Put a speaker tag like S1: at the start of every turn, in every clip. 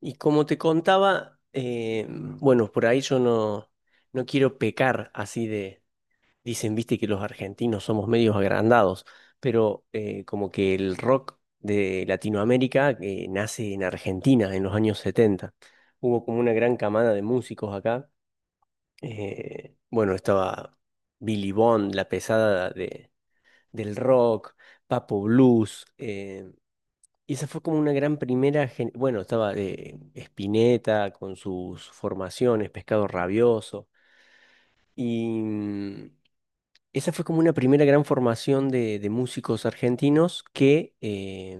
S1: Y como te contaba, bueno, por ahí yo no quiero pecar así de, dicen, viste que los argentinos somos medios agrandados, pero como que el rock de Latinoamérica nace en Argentina en los años setenta. Hubo como una gran camada de músicos acá. Bueno, estaba Billy Bond, la pesada del rock, Papo Blues. Y esa fue como una gran primera, bueno, estaba Spinetta con sus formaciones, Pescado Rabioso, y esa fue como una primera gran formación de músicos argentinos que,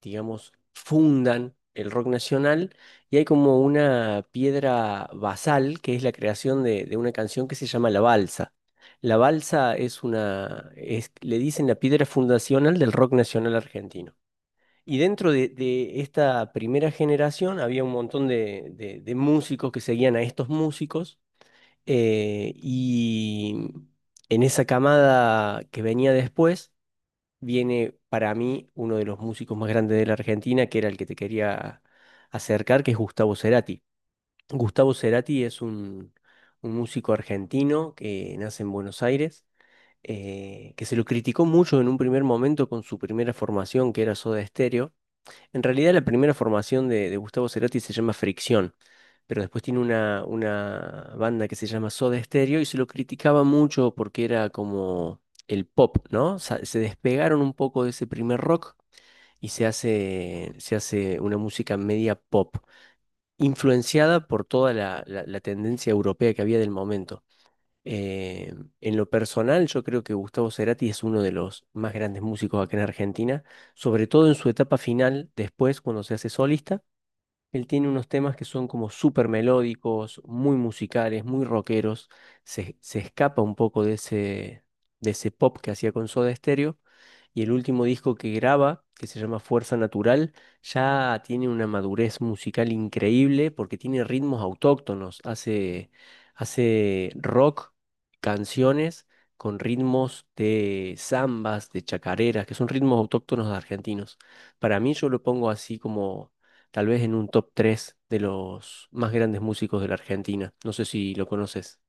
S1: digamos, fundan el rock nacional, y hay como una piedra basal que es la creación de una canción que se llama La Balsa. La Balsa es una, es, le dicen la piedra fundacional del rock nacional argentino. Y dentro de esta primera generación había un montón de músicos que seguían a estos músicos, y en esa camada que venía después viene para mí uno de los músicos más grandes de la Argentina, que era el que te quería acercar, que es Gustavo Cerati. Gustavo Cerati es un músico argentino que nace en Buenos Aires. Que se lo criticó mucho en un primer momento con su primera formación, que era Soda Stereo. En realidad la primera formación de Gustavo Cerati se llama Fricción, pero después tiene una banda que se llama Soda Stereo y se lo criticaba mucho porque era como el pop, ¿no? Se despegaron un poco de ese primer rock y se hace una música media pop, influenciada por toda la tendencia europea que había del momento. Eh, en lo personal, yo creo que Gustavo Cerati es uno de los más grandes músicos acá en Argentina, sobre todo en su etapa final, después cuando se hace solista. Él tiene unos temas que son como súper melódicos, muy musicales, muy rockeros. Se escapa un poco de ese pop que hacía con Soda Stereo. Y el último disco que graba, que se llama Fuerza Natural, ya tiene una madurez musical increíble porque tiene ritmos autóctonos. Hace, hace rock, canciones con ritmos de zambas, de chacareras, que son ritmos autóctonos argentinos. Para mí yo lo pongo así como tal vez en un top 3 de los más grandes músicos de la Argentina. No sé si lo conoces.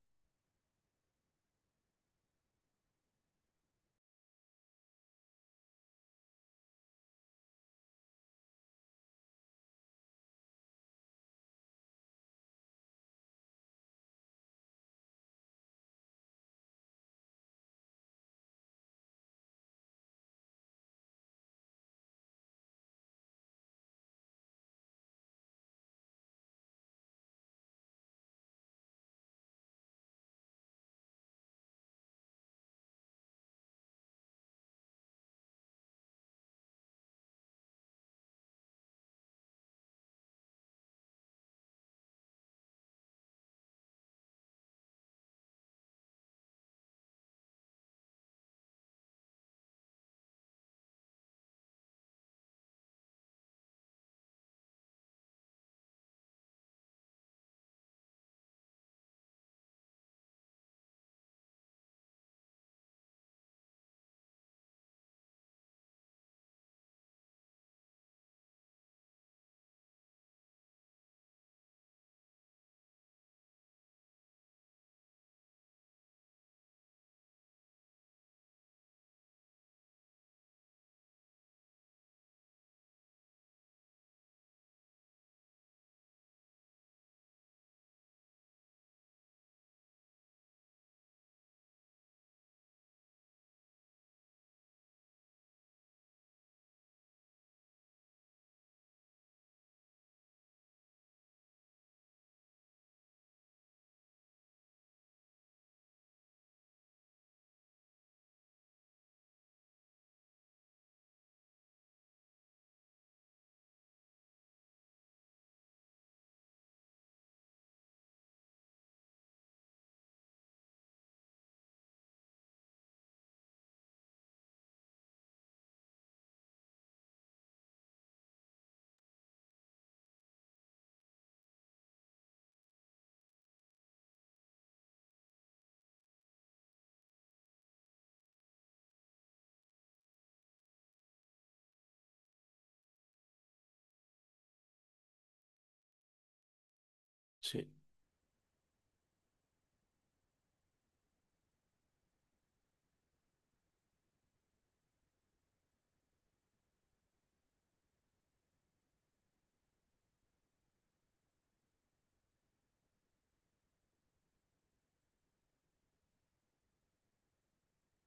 S1: Sí.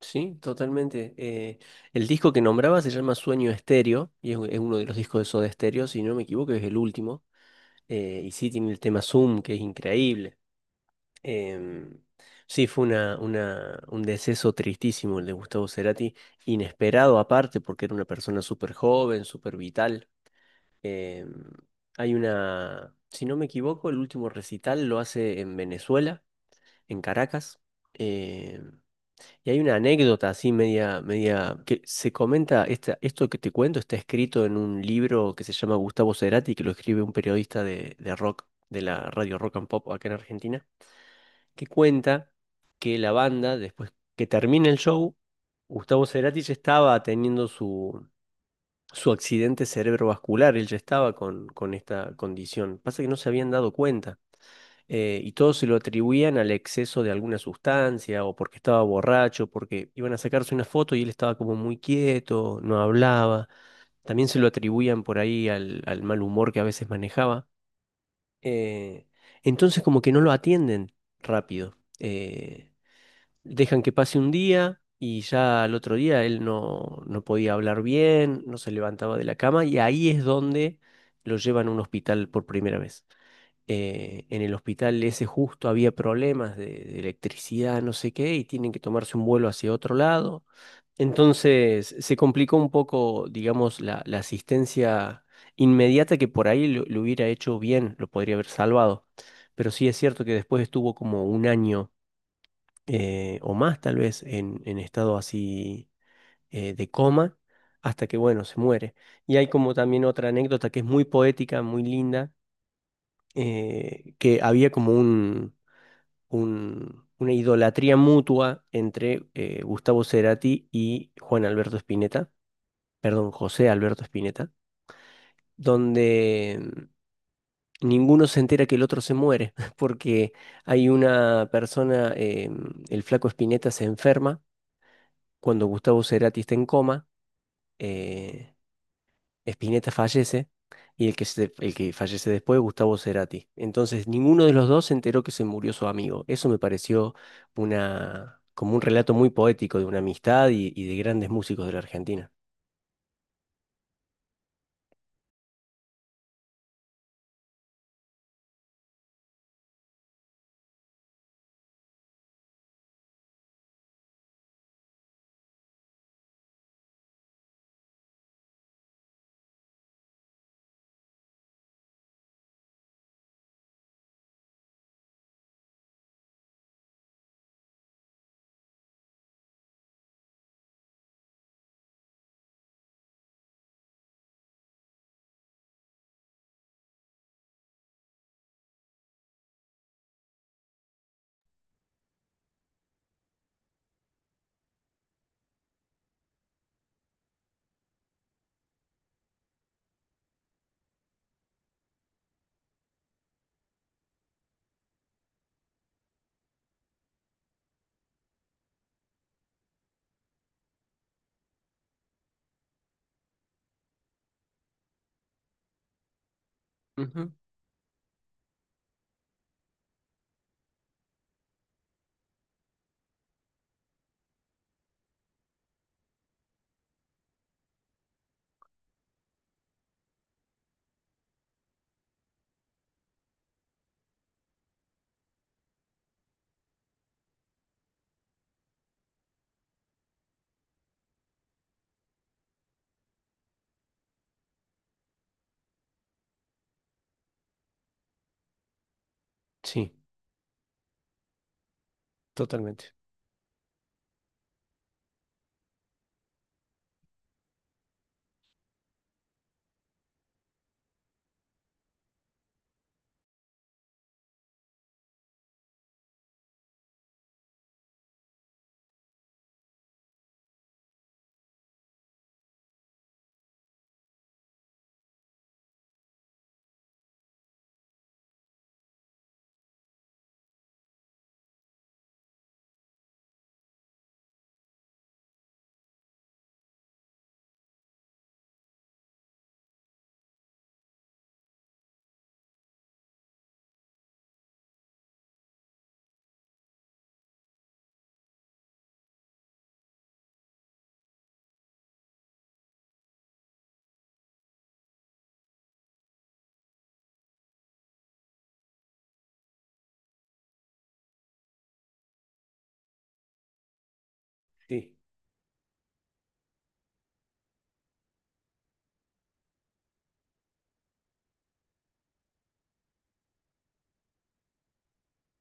S1: Sí, totalmente. El disco que nombraba se llama Sueño Estéreo y es, es uno de los discos de Soda Stereo, si no me equivoco, es el último. Y sí tiene el tema Zoom, que es increíble. Em, sí, fue una, un deceso tristísimo el de Gustavo Cerati, inesperado aparte, porque era una persona súper joven, súper vital. Em, Hay una, si no me equivoco, el último recital lo hace en Venezuela, en Caracas. Em, y hay una anécdota así media, media, que se comenta, esta, esto que te cuento está escrito en un libro que se llama Gustavo Cerati, que lo escribe un periodista de rock, de la radio Rock and Pop acá en Argentina, que cuenta que la banda, después que termina el show, Gustavo Cerati ya estaba teniendo su accidente cerebrovascular, él ya estaba con esta condición. Pasa que no se habían dado cuenta. Y todos se lo atribuían al exceso de alguna sustancia o porque estaba borracho, porque iban a sacarse una foto y él estaba como muy quieto, no hablaba. También se lo atribuían por ahí al mal humor que a veces manejaba. eh, entonces como que no lo atienden rápido. Dejan que pase un día y ya al otro día él no podía hablar bien, no se levantaba de la cama y ahí es donde lo llevan a un hospital por primera vez. En el hospital ese justo había problemas de electricidad, no sé qué, y tienen que tomarse un vuelo hacia otro lado. Entonces se complicó un poco, digamos, la asistencia inmediata que por ahí lo hubiera hecho bien, lo podría haber salvado. Pero sí es cierto que después estuvo como un año o más tal vez en estado así de coma, hasta que, bueno, se muere. Y hay como también otra anécdota que es muy poética, muy linda, que había como una idolatría mutua entre Gustavo Cerati y Juan Alberto Spinetta, perdón, José Alberto Spinetta, donde... ninguno se entera que el otro se muere, porque hay una persona, el flaco Spinetta se enferma. Cuando Gustavo Cerati está en coma, eh, Spinetta fallece y el el que fallece después es Gustavo Cerati. Entonces, ninguno de los dos se enteró que se murió su amigo. Eso me pareció una, como un relato muy poético de una amistad y de grandes músicos de la Argentina. Ujú. Sí, totalmente. Sí.